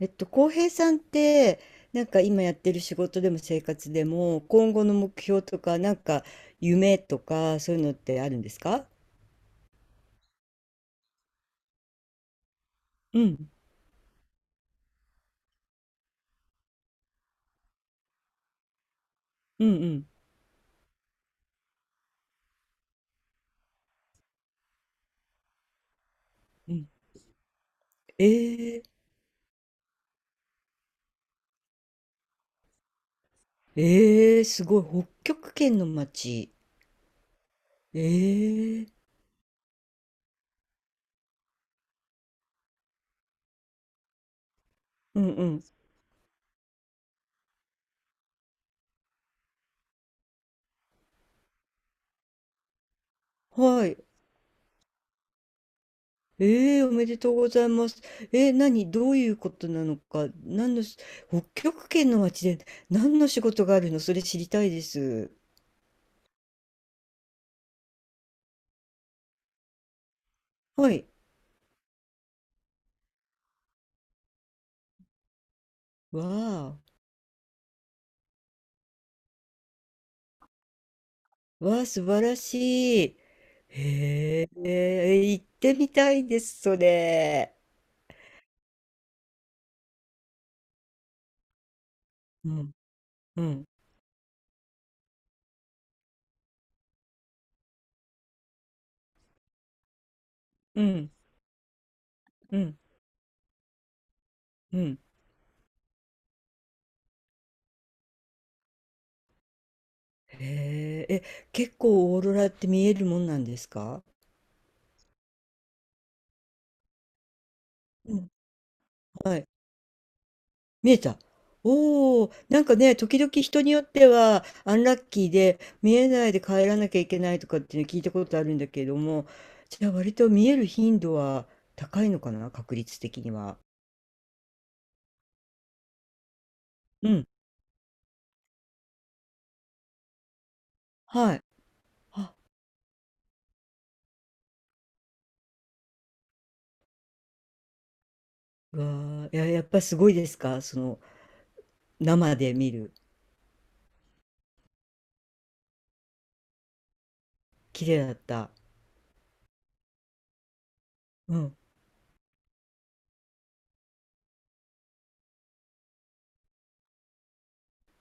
浩平さんって、なんか今やってる仕事でも生活でも、今後の目標とか、なんか夢とか、そういうのってあるんですか？うん、うん、うん、うん。えー、えー、すごい、北極圏の街。えー、うん、うん。はい。えー、おめでとうございます。えー、何、どういうことなのか、何のし、北極圏の街で何の仕事があるの、それ知りたいです。はい。わあ。わあ、素晴らしい。へえ、行ってみたいです、それ。うん、うん、うん、うん、うん。へえ、え、結構オーロラって見えるもんなんですか？うん、はい。見えた。おお、なんかね、時々人によっては、アンラッキーで見えないで帰らなきゃいけないとかっていうの聞いたことあるんだけれども、じゃあ割と見える頻度は高いのかな、確率的には。うん、はい。あ、わあ、いや、やっぱすごいですか？その、生で見る、綺麗だった。うん。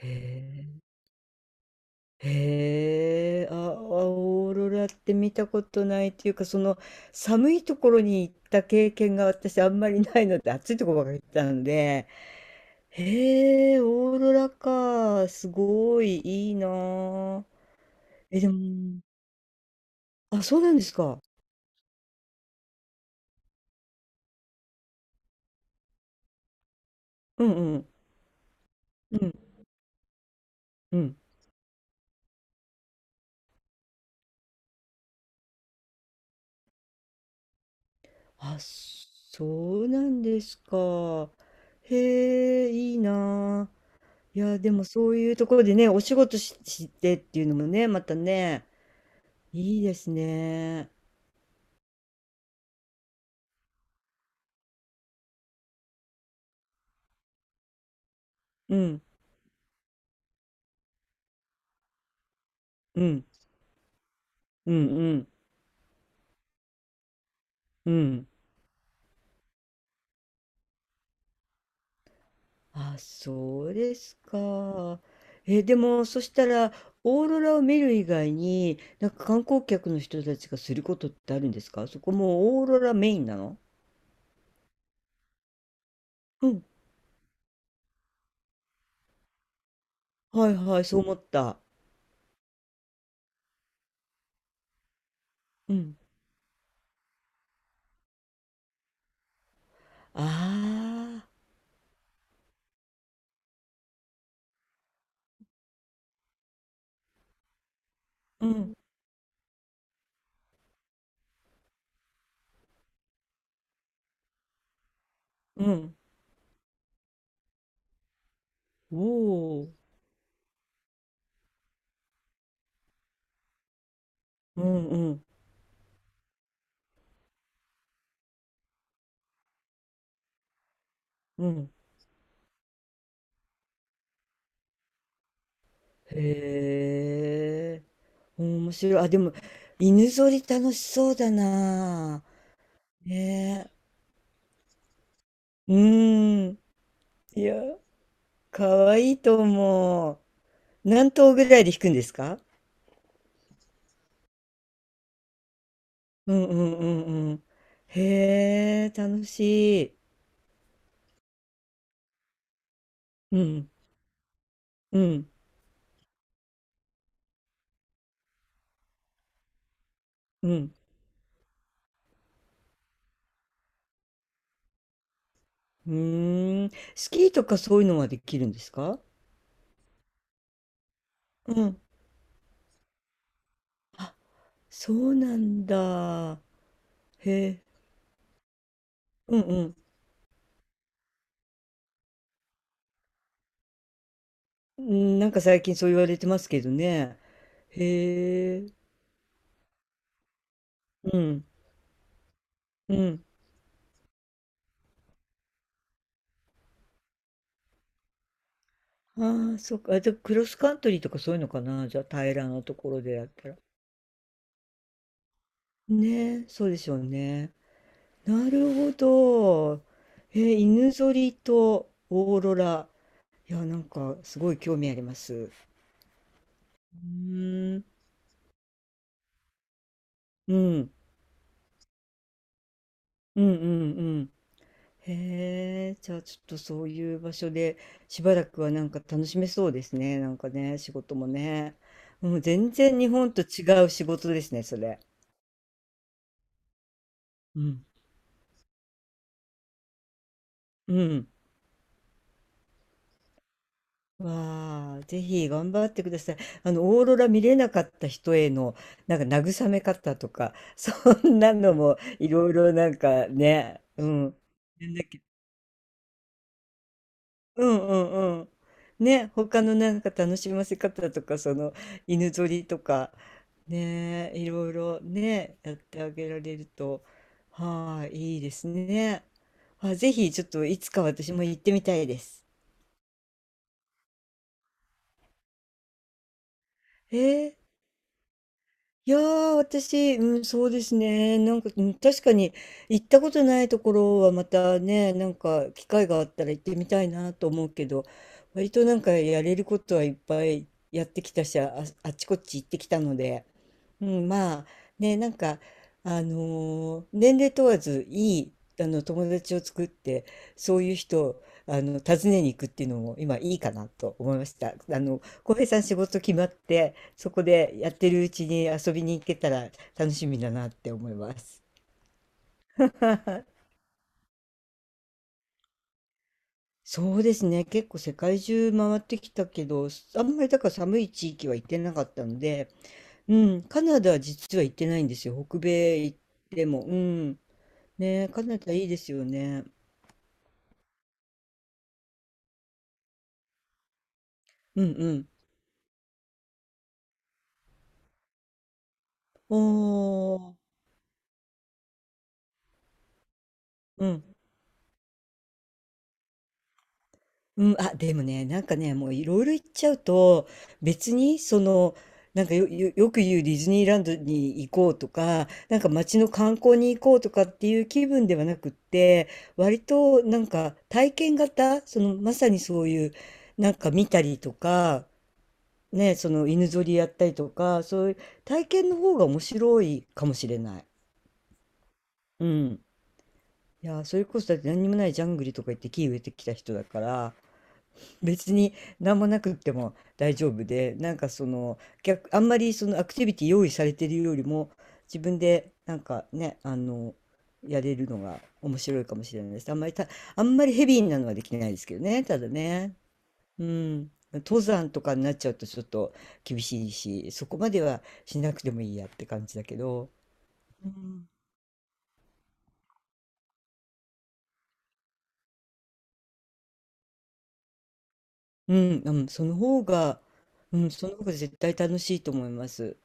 へえ、へえ、あ、あオーロラって見たことないっていうか、その、寒いところに行った経験が私あんまりないので、暑いところばっかり行ったので、へえ、オーロラか、すごいいいなあ。え、でも、あ、そうなんですか。うんうん。うん、うん。あ、そうなんですか。へえ、いいなあ。いや、でもそういうところでね、お仕事してっていうのもね、またね、いいですね。うん、うん、うん、うん、うん。あ、そうですか。え、でも、そしたら、オーロラを見る以外に、なんか観光客の人たちがすることってあるんですか？そこもうオーロラメインなの？うん。はいはい、そう思った。うん。ああ。うん、うん、おお、うん、うん、うん。へえ、面白い。あ、でも、犬ぞり楽しそうだな。ねえ、うん。いや、可愛いいと思う。何頭ぐらいで弾くんですか？うんうんうんうん。へえ、楽しい。うん、うん、うん。うーん。スキーとかそういうのはできるんですか？うん。あ、そうなんだ。へえ。うんうん。うん、なんか最近そう言われてますけどね。へえ。うん。うん。ああ、そっか。あじゃあクロスカントリーとかそういうのかな。じゃあ平らなところでやったら。ねえ、そうでしょうね。なるほど。えー、犬ぞりとオーロラ。いや、なんかすごい興味あります。うーん。うん。うんうんうん、へえ、じゃあちょっとそういう場所でしばらくはなんか楽しめそうですね。なんかね、仕事もね。もう全然日本と違う仕事ですね、それ。うん。うん。わあ、ぜひ頑張ってください。オーロラ見れなかった人への、なんか慰め方とか、そんなのもいろいろなんかね、うん。うんうんうん。ね、他のなんか楽しませ方とか、その犬ぞりとか、ね、いろいろね、やってあげられると、はい、いいですね。あ、ぜひちょっといつか私も行ってみたいです。えーいやー、私、うん、そうですね。なんか、うん、確かに行ったことないところはまたね、なんか機会があったら行ってみたいなと思うけど、割となんかやれることはいっぱいやってきたし、あ、あっちこっち行ってきたので、うん、まあね、なんか、年齢問わずいい、友達を作って、そういう人を、訪ねに行くっていうのも今いいかなと思いました。浩平さん仕事決まって、そこでやってるうちに遊びに行けたら楽しみだなって思います。そうですね。結構世界中回ってきたけど、あんまりだから寒い地域は行ってなかったので、うん、カナダは実は行ってないんですよ。北米行っても。うん。ね、カナダいいですよね。うんうん。おー。うん。うん、あ、でもね、なんかね、もういろいろ言っちゃうと、別に、その、なんかよく言うディズニーランドに行こうとか、なんか街の観光に行こうとかっていう気分ではなくって、割となんか体験型、そのまさにそういう、なんか見たりとか、ね、その犬ぞりやったりとか、そういう体験の方が面白いかもしれない。うん。いや、それこそだって何にもないジャングリとか行って木植えてきた人だから、別に何もなくっても大丈夫で、なんかその逆、あんまりそのアクティビティ用意されてるよりも自分でなんかね、やれるのが面白いかもしれないです。あんまりた、あんまりヘビーなのはできないですけどね、ただね。うん。登山とかになっちゃうとちょっと厳しいし、そこまではしなくてもいいやって感じだけど。うん、うん、うん、その方が、うん、その方が絶対楽しいと思います。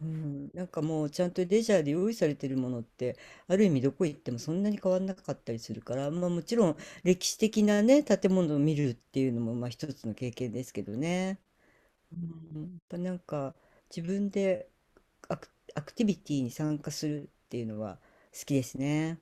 うん、なんかもうちゃんとレジャーで用意されてるものってある意味どこ行ってもそんなに変わんなかったりするから、まあ、もちろん歴史的なね建物を見るっていうのもまあ一つの経験ですけどね、うん、やっぱなんか自分でアク、アクティビティに参加するっていうのは好きですね。